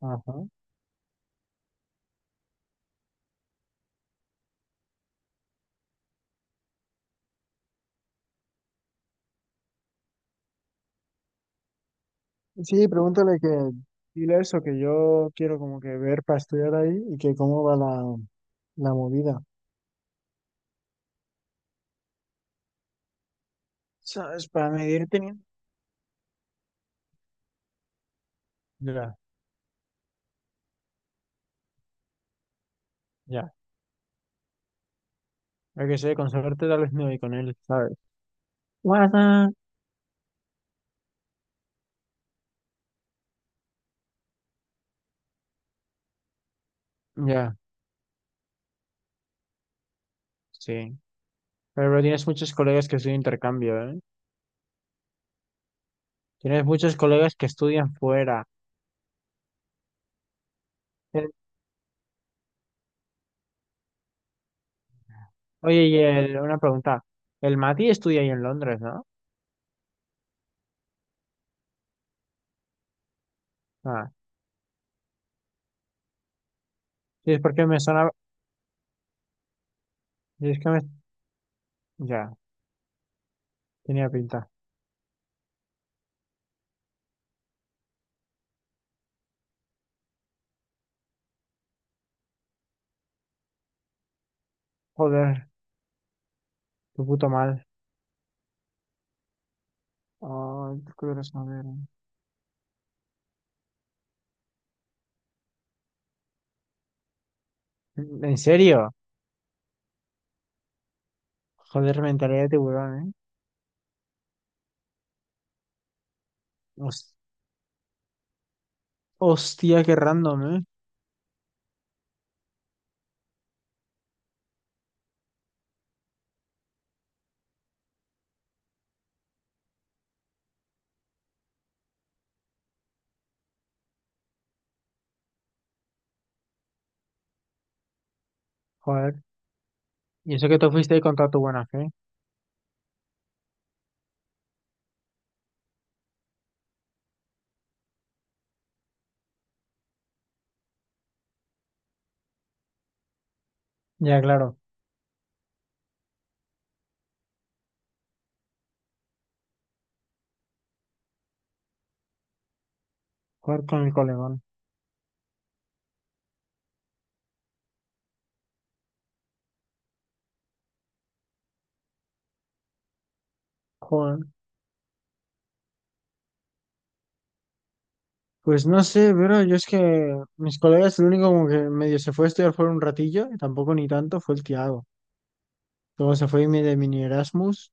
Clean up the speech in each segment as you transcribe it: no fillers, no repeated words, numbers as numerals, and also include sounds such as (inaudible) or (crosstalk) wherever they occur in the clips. Ajá. Sí, pregúntale que dile eso, que yo quiero como que ver para estudiar ahí y que cómo va la movida. ¿Sabes? Para medir teniendo. Ya, ya. Hay que sé, con suerte tal vez me voy con él, ¿sabes? Guarda. Ya, sí. Pero tienes muchos colegas que estudian intercambio, ¿eh? Tienes muchos colegas que estudian fuera. El- Oye, y una pregunta. El Mati estudia ahí en Londres, ¿no? Ah, sí, es porque me sonaba. Sí, es que me. Ya, tenía pinta. Joder, tu puto mal. Ay, qué curioso, a ver. ¿En serio? Joder, mentalidad de tiburón, ¿eh? Hostia, qué random, ¿eh? Joder. Y eso que tú fuiste ahí con toda tu buena fe. Ya, claro. Joder, con el colegón. Joder. Pues no sé, pero yo es que mis colegas, el único como que medio se fue a estudiar fuera un ratillo, y tampoco ni tanto, fue el Tiago. Luego se fue de mini Erasmus,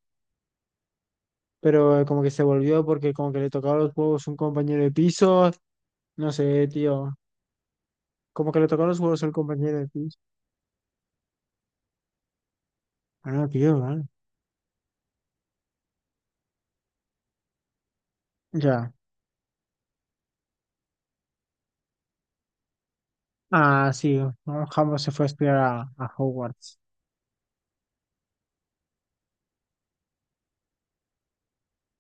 pero como que se volvió porque como que le tocaba los huevos un compañero de piso. No sé, tío. Como que le tocaba los huevos al compañero de piso. Ah, no, tío, vale. Ya. Ah, sí. ¿No? Jambo se fue a estudiar a Hogwarts.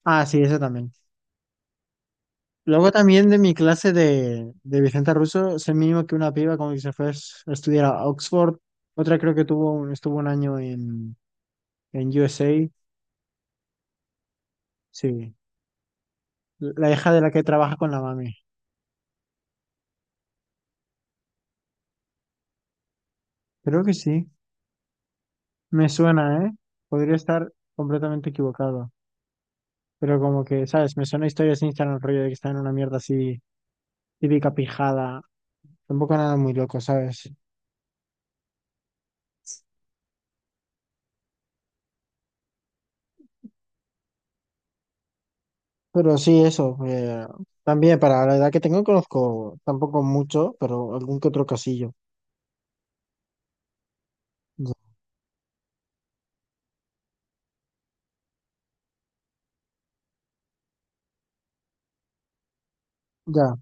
Ah, sí, eso también. Luego también de mi clase de Vicente Russo, sé mínimo que una piba como que se fue a estudiar a Oxford. Otra creo que estuvo un año en USA. Sí. La hija de la que trabaja con la mami. Creo que sí. Me suena, ¿eh? Podría estar completamente equivocado. Pero como que, ¿sabes? Me suena a historias de Instagram, rollo de que está en una mierda así, típica pijada. Tampoco nada muy loco, ¿sabes? Pero sí, eso. También para la edad que tengo no conozco tampoco mucho, pero algún que otro casillo. Ya. Ya.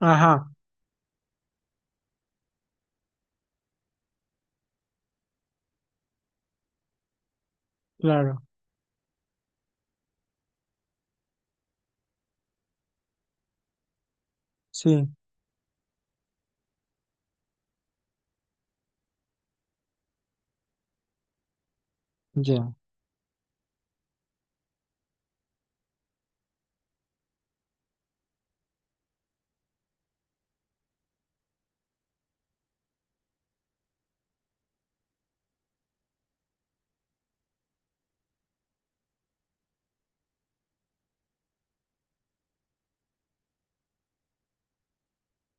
Ajá, claro. Sí, ya,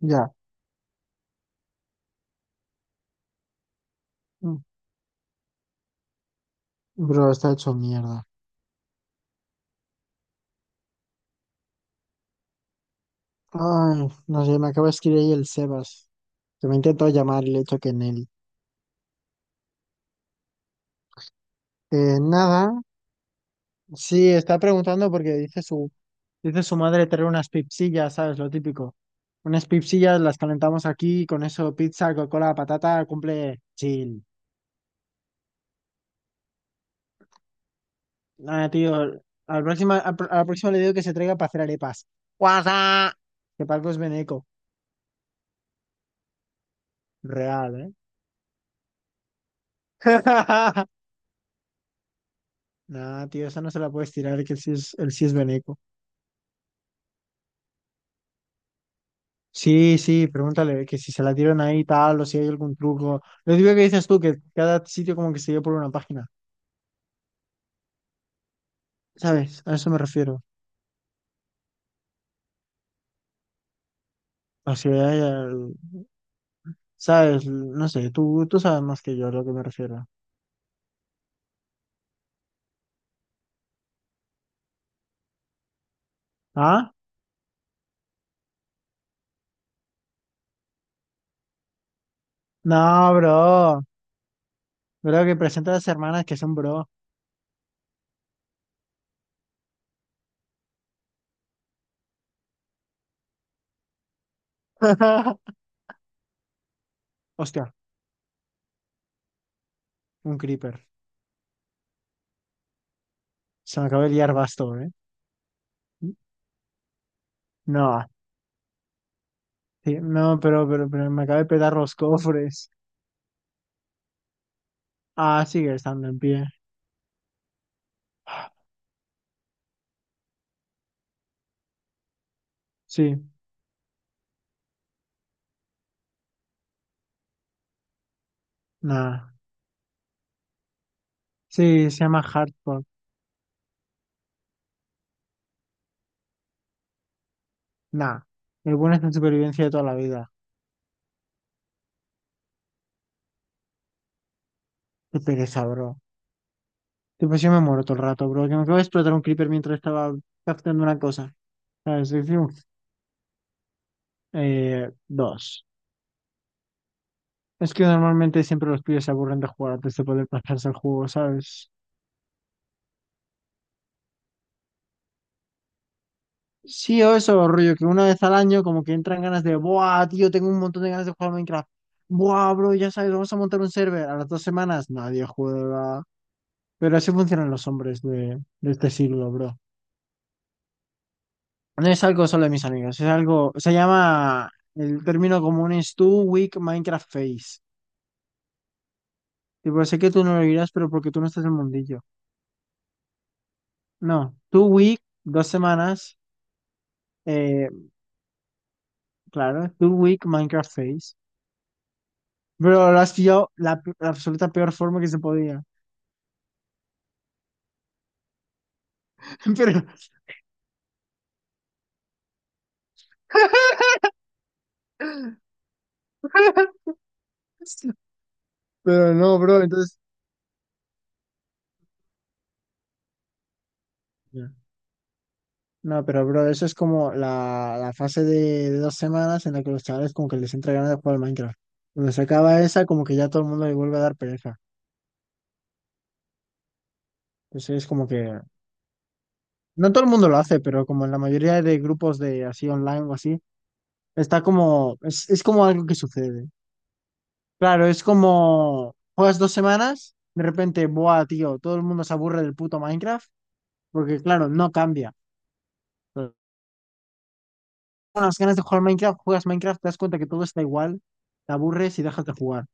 ya. Mm, Bro, está hecho mierda. Ay, no sé, me acaba de escribir ahí el Sebas, que me intentó llamar y le he dicho que en él. Nada, sí, está preguntando porque dice su madre traer unas pipsillas, ¿sabes? Lo típico. Unas pipsillas las calentamos aquí, con eso pizza, Coca-Cola, patata, cumple chill. Nada, tío, a la próxima, a la próxima le digo que se traiga para hacer arepas. ¡Guasa! Que Paco es veneco. Real, ¿eh? (laughs) Nah, tío, esa no se la puedes tirar, que él sí es veneco. Sí, sí, pregúntale que si se la tiran ahí y tal o si hay algún truco. Lo digo que dices tú, que cada sitio como que se lleva por una página. ¿Sabes? A eso me refiero. O sea, ¿sabes? No sé, tú sabes más que yo a lo que me refiero. ¿Ah? No, bro. Bro, que presenta a las hermanas que son bro. (laughs) Hostia. Un creeper. Se me acaba de liar basto, ¿eh? No, sí, no, pero me acaba de petar los cofres. Ah, sigue estando en pie. Sí, nada. Sí, se llama Hardcore. Nah. El bueno es en supervivencia de toda la vida. Qué pereza, bro. Tipo, yo me muero todo el rato, bro. Que me acabo de explotar un creeper mientras estaba captando una cosa. ¿Sabes? Es decir, eh, dos. Es que normalmente siempre los pibes se aburren de jugar antes de poder pasarse el juego, ¿sabes? Sí, o eso, rollo, que una vez al año como que entran ganas de, buah, tío, tengo un montón de ganas de jugar a Minecraft. Buah, bro, ya sabes, vamos a montar un server. A las 2 semanas nadie juega. Pero así funcionan los hombres de este siglo, bro. No es algo solo de mis amigos, es algo, se llama, el término común es two week Minecraft face. Tipo, sé que tú no lo dirás, pero porque tú no estás en el mundillo. No, two week, 2 semanas, eh, claro, two week Minecraft face. Bro, lo has pillado la absoluta peor forma que se podía. (laughs) Pero, pero no, bro, entonces. Ya. No, pero bro, eso es como la fase de 2 semanas en la que los chavales como que les entra ganas de jugar al Minecraft. Cuando se acaba esa, como que ya todo el mundo le vuelve a dar pereza. Entonces es como que, no todo el mundo lo hace, pero como en la mayoría de grupos de así online o así, está como, es como algo que sucede. Claro, es como, juegas 2 semanas, de repente, buah, tío, todo el mundo se aburre del puto Minecraft, porque claro, no cambia. Unas ganas de jugar Minecraft, juegas Minecraft, te das cuenta que todo está igual, te aburres y dejas de jugar.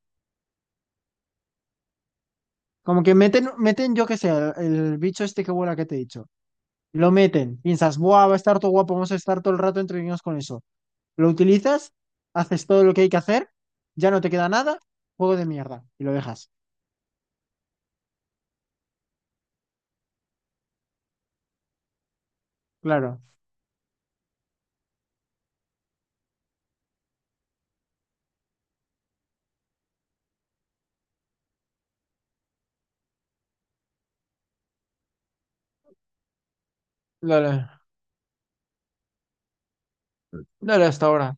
Como que meten, yo qué sé, el bicho este que vuela que te he dicho. Lo meten, piensas, buah, va a estar todo guapo, vamos a estar todo el rato entretenidos con eso. Lo utilizas, haces todo lo que hay que hacer, ya no te queda nada, juego de mierda, y lo dejas. Claro. Dale, dale hasta ahora.